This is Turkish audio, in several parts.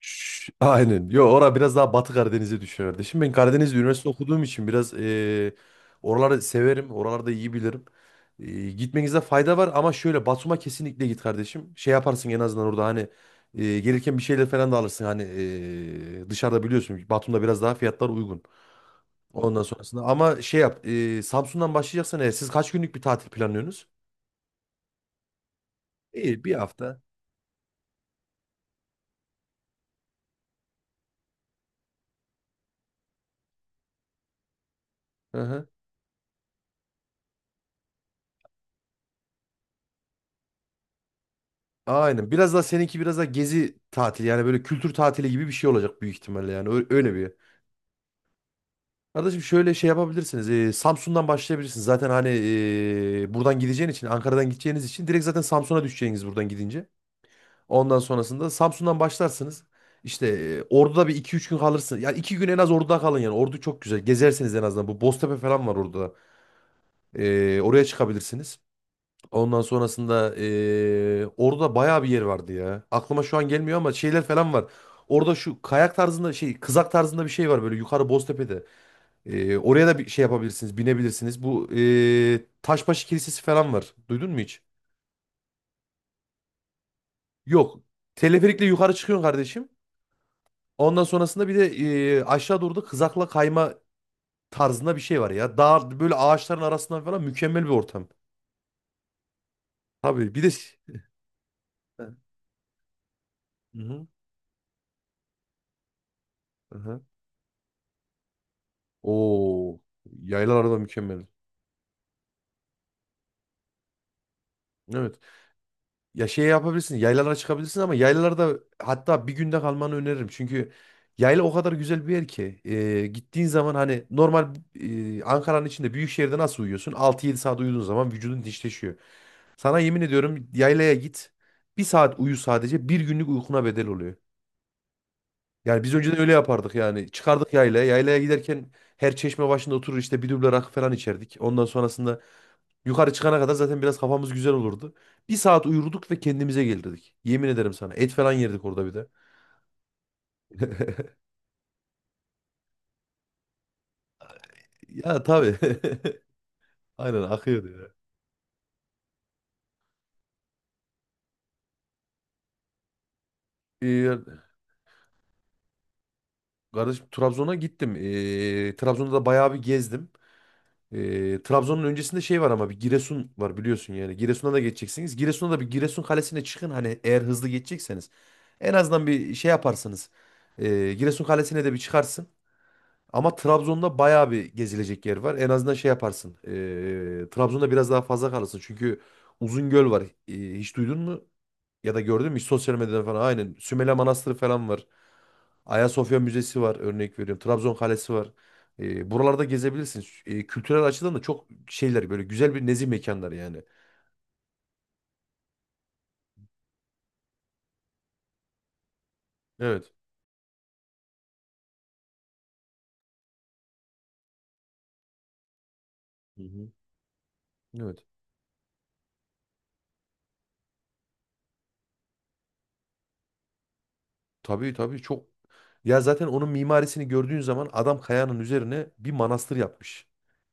Aynen. Yo ora biraz daha Batı Karadeniz'e düşüyor kardeşim. Ben Karadeniz'de üniversite okuduğum için biraz oraları severim. Oralarda iyi bilirim. Gitmenizde fayda var ama şöyle Batum'a kesinlikle git kardeşim. Şey yaparsın en azından orada hani gelirken bir şeyler falan da alırsın. Hani dışarıda biliyorsun Batum'da biraz daha fiyatlar uygun. Ondan sonrasında ama şey yap Samsun'dan başlayacaksan eğer siz kaç günlük bir tatil planlıyorsunuz? İyi bir hafta. Hı hı. Aynen. Biraz daha seninki biraz daha gezi tatili yani böyle kültür tatili gibi bir şey olacak büyük ihtimalle yani öyle bir. Kardeşim şöyle şey yapabilirsiniz. Samsun'dan başlayabilirsiniz. Zaten hani buradan gideceğin için, Ankara'dan gideceğiniz için direkt zaten Samsun'a düşeceğiniz buradan gidince. Ondan sonrasında Samsun'dan başlarsınız. İşte Ordu'da bir iki üç gün kalırsınız. Ya iki gün en az Ordu'da kalın yani. Ordu çok güzel. Gezersiniz en azından. Bu Boztepe falan var orada. Oraya çıkabilirsiniz. Ondan sonrasında orada bayağı bir yer vardı ya. Aklıma şu an gelmiyor ama şeyler falan var. Orada şu kayak tarzında şey kızak tarzında bir şey var böyle yukarı Boztepe'de. Oraya da bir şey yapabilirsiniz binebilirsiniz. Bu Taşbaşı Kilisesi falan var. Duydun mu hiç? Yok. Teleferikle yukarı çıkıyorsun kardeşim. Ondan sonrasında bir de aşağı doğru da kızakla kayma tarzında bir şey var ya. Dağ böyle ağaçların arasından falan mükemmel bir ortam. Tabii bir de... Hı hı. Hı hı. Oo, yaylar arada mükemmel. Evet. Ya şey yapabilirsin. Yaylalara çıkabilirsin ama yaylalarda hatta bir günde kalmanı öneririm. Çünkü yayla o kadar güzel bir yer ki. Gittiğin zaman hani normal Ankara'nın içinde büyük şehirde nasıl uyuyorsun? Altı yedi saat uyuduğun zaman vücudun dişleşiyor. Sana yemin ediyorum yaylaya git. Bir saat uyu sadece bir günlük uykuna bedel oluyor. Yani biz önceden öyle yapardık yani. Çıkardık yaylaya. Yaylaya giderken her çeşme başında oturur işte bir duble rakı falan içerdik. Ondan sonrasında yukarı çıkana kadar zaten biraz kafamız güzel olurdu. Bir saat uyurduk ve kendimize gelirdik. Yemin ederim sana. Et falan yerdik orada bir de. Ya tabii. Aynen akıyordu ya. Ee, Kardeşim Trabzon'a gittim. Trabzon'da da bayağı bir gezdim. Trabzon'un öncesinde şey var ama bir Giresun var biliyorsun yani. Giresun'a da geçeceksiniz. Giresun'a da bir Giresun Kalesi'ne çıkın hani eğer hızlı geçecekseniz. En azından bir şey yaparsınız. Giresun Kalesi'ne de bir çıkarsın. Ama Trabzon'da bayağı bir gezilecek yer var. En azından şey yaparsın. Trabzon'da biraz daha fazla kalırsın. Çünkü Uzungöl var. Hiç duydun mu? Ya da gördün mü hiç sosyal medyada falan aynen. Sümele Manastırı falan var. Ayasofya Müzesi var örnek veriyorum. Trabzon Kalesi var. E, buralarda gezebilirsin. E, kültürel açıdan da çok şeyler böyle güzel bir nezih mekanlar yani. Evet. Hı hı. Evet. Tabii tabii çok. Ya zaten onun mimarisini gördüğün zaman adam kayanın üzerine bir manastır yapmış.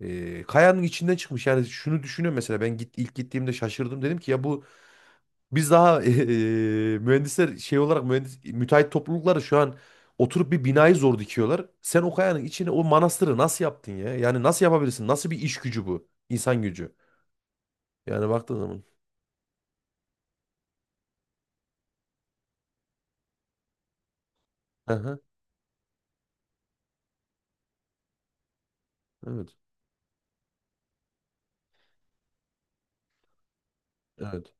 E, kayanın içinden çıkmış. Yani şunu düşünüyorum mesela ben git, ilk gittiğimde şaşırdım. Dedim ki ya bu biz daha mühendisler şey olarak mühendis, müteahhit toplulukları şu an oturup bir binayı zor dikiyorlar. Sen o kayanın içine o manastırı nasıl yaptın ya? Yani nasıl yapabilirsin? Nasıl bir iş gücü bu? İnsan gücü. Yani baktığın zaman. Aha, evet. Evet.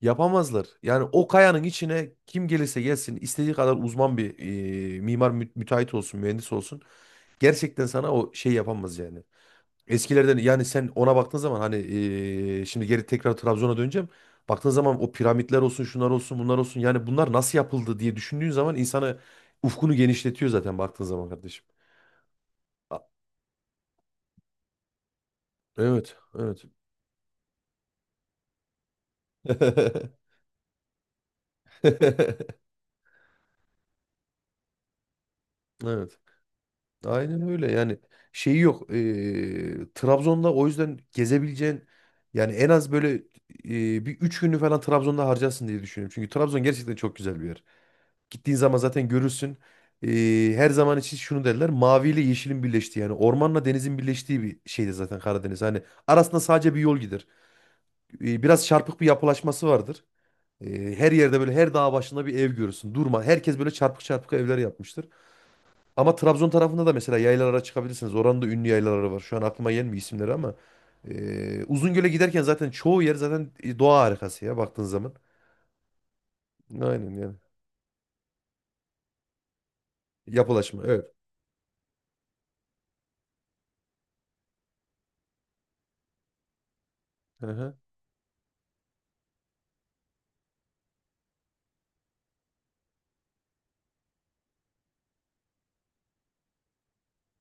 Yapamazlar. Yani o kayanın içine kim gelirse gelsin istediği kadar uzman bir mimar müteahhit olsun, mühendis olsun. Gerçekten sana o şey yapamaz yani. Eskilerden yani sen ona baktığın zaman hani şimdi geri tekrar Trabzon'a döneceğim. Baktığın zaman o piramitler olsun, şunlar olsun, bunlar olsun. Yani bunlar nasıl yapıldı diye düşündüğün zaman insanı ufkunu genişletiyor zaten baktığın zaman kardeşim. A- Evet, evet. Evet. Aynen öyle yani şeyi yok. Trabzon'da o yüzden gezebileceğin yani en az böyle bir üç günü falan Trabzon'da harcarsın diye düşünüyorum. Çünkü Trabzon gerçekten çok güzel bir yer. Gittiğin zaman zaten görürsün. Her zaman için şunu derler. Mavi ile yeşilin birleştiği yani ormanla denizin birleştiği bir şeydir zaten Karadeniz. Hani arasında sadece bir yol gider. Biraz çarpık bir yapılaşması vardır. Her yerde böyle her dağ başında bir ev görürsün. Durma. Herkes böyle çarpık çarpık evler yapmıştır. Ama Trabzon tarafında da mesela yaylalara çıkabilirsiniz. Oranın da ünlü yaylaları var. Şu an aklıma gelmiyor isimleri ama. Uzungöl'e giderken zaten çoğu yer zaten doğa harikası ya baktığın zaman. Aynen yani. Yapılaşma evet. Hı hı.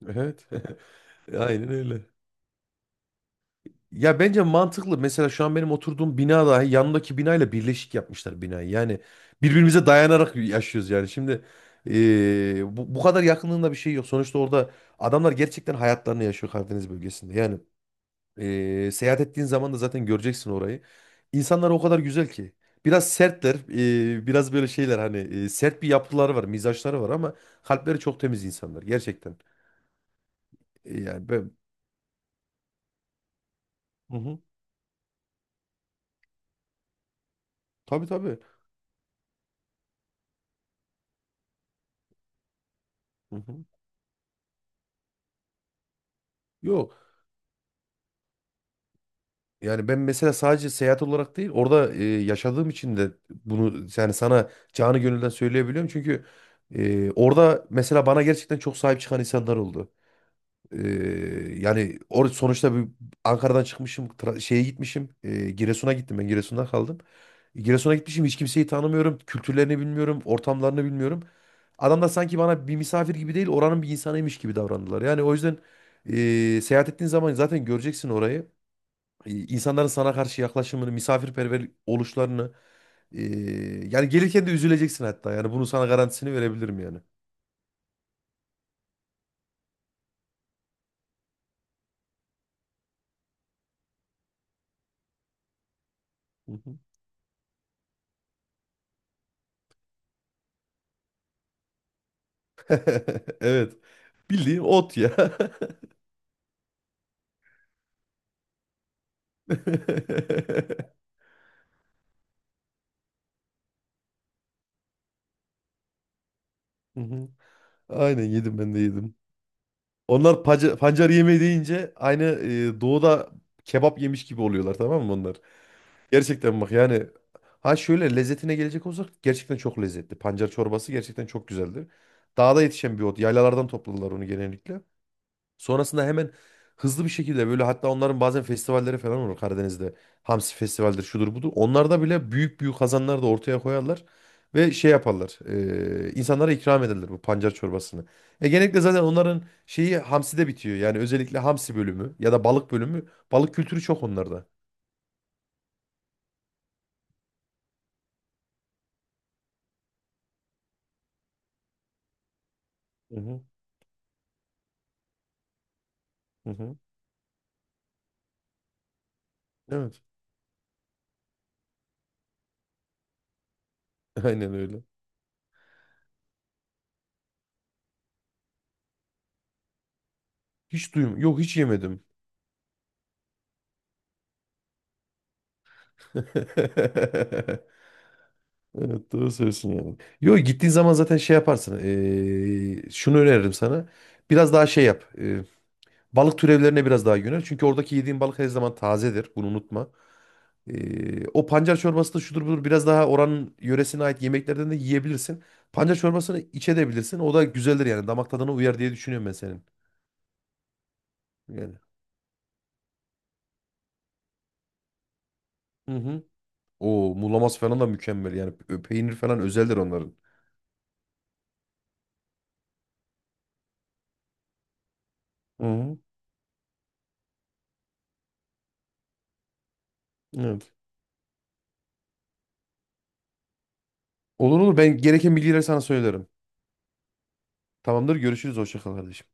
Evet. Aynen öyle. Ya bence mantıklı. Mesela şu an benim oturduğum bina dahi yanındaki binayla birleşik yapmışlar binayı. Yani birbirimize dayanarak yaşıyoruz yani. Şimdi bu kadar yakınlığında bir şey yok. Sonuçta orada adamlar gerçekten hayatlarını yaşıyor Karadeniz bölgesinde. Yani seyahat ettiğin zaman da zaten göreceksin orayı. İnsanlar o kadar güzel ki. Biraz sertler, biraz böyle şeyler hani sert bir yapıları var, mizaçları var ama kalpleri çok temiz insanlar gerçekten. E, yani ben... Hı hı. Tabii tabii. Hı hı. Yok. Yani ben mesela sadece seyahat olarak değil orada e, yaşadığım için de bunu yani sana canı gönülden söyleyebiliyorum. Çünkü e, orada mesela bana gerçekten çok sahip çıkan insanlar oldu. E, yani sonuçta bir Ankara'dan çıkmışım şeye gitmişim e, Giresun'a gittim ben Giresun'da kaldım. Giresun'a gitmişim hiç kimseyi tanımıyorum kültürlerini bilmiyorum ortamlarını bilmiyorum. Adamlar sanki bana bir misafir gibi değil oranın bir insanıymış gibi davrandılar. Yani o yüzden e, seyahat ettiğin zaman zaten göreceksin orayı. İnsanların sana karşı yaklaşımını, misafirperver oluşlarını e, yani gelirken de üzüleceksin hatta. Yani bunu sana garantisini verebilirim yani. Hı hı. Evet. Bildiğin ot ya. Hı hı. Aynen yedim ben de yedim. Onlar pancar, pancar yemeği deyince aynı e, doğuda kebap yemiş gibi oluyorlar tamam mı onlar? Gerçekten bak yani ha şöyle lezzetine gelecek olsak gerçekten çok lezzetli. Pancar çorbası gerçekten çok güzeldir. Dağda yetişen bir ot. Yaylalardan topladılar onu genellikle. Sonrasında hemen hızlı bir şekilde böyle hatta onların bazen festivalleri falan olur Karadeniz'de. Hamsi festivaldir şudur budur. Onlarda bile büyük büyük kazanlar da ortaya koyarlar. Ve şey yaparlar. E, insanlara ikram ederler bu pancar çorbasını. E genellikle zaten onların şeyi hamside bitiyor. Yani özellikle hamsi bölümü ya da balık bölümü. Balık kültürü çok onlarda. Hı hı, hı hı. Evet. Aynen öyle. Hiç duyum. Yok hiç yemedim. Evet doğru söylüyorsun yani. Yo gittiğin zaman zaten şey yaparsın. Şunu öneririm sana. Biraz daha şey yap. Balık türevlerine biraz daha yönel. Çünkü oradaki yediğin balık her zaman tazedir. Bunu unutma. O pancar çorbası da şudur budur. Biraz daha oranın yöresine ait yemeklerden de yiyebilirsin. Pancar çorbasını iç edebilirsin. O da güzeldir yani. Damak tadına uyar diye düşünüyorum ben senin. Yani. Hı hı. O muğlaması falan da mükemmel. Yani peynir falan özeldir onların. Hı hı. Evet. Olur olur. Ben gereken bilgileri sana söylerim. Tamamdır. Görüşürüz. Hoşça kal kardeşim.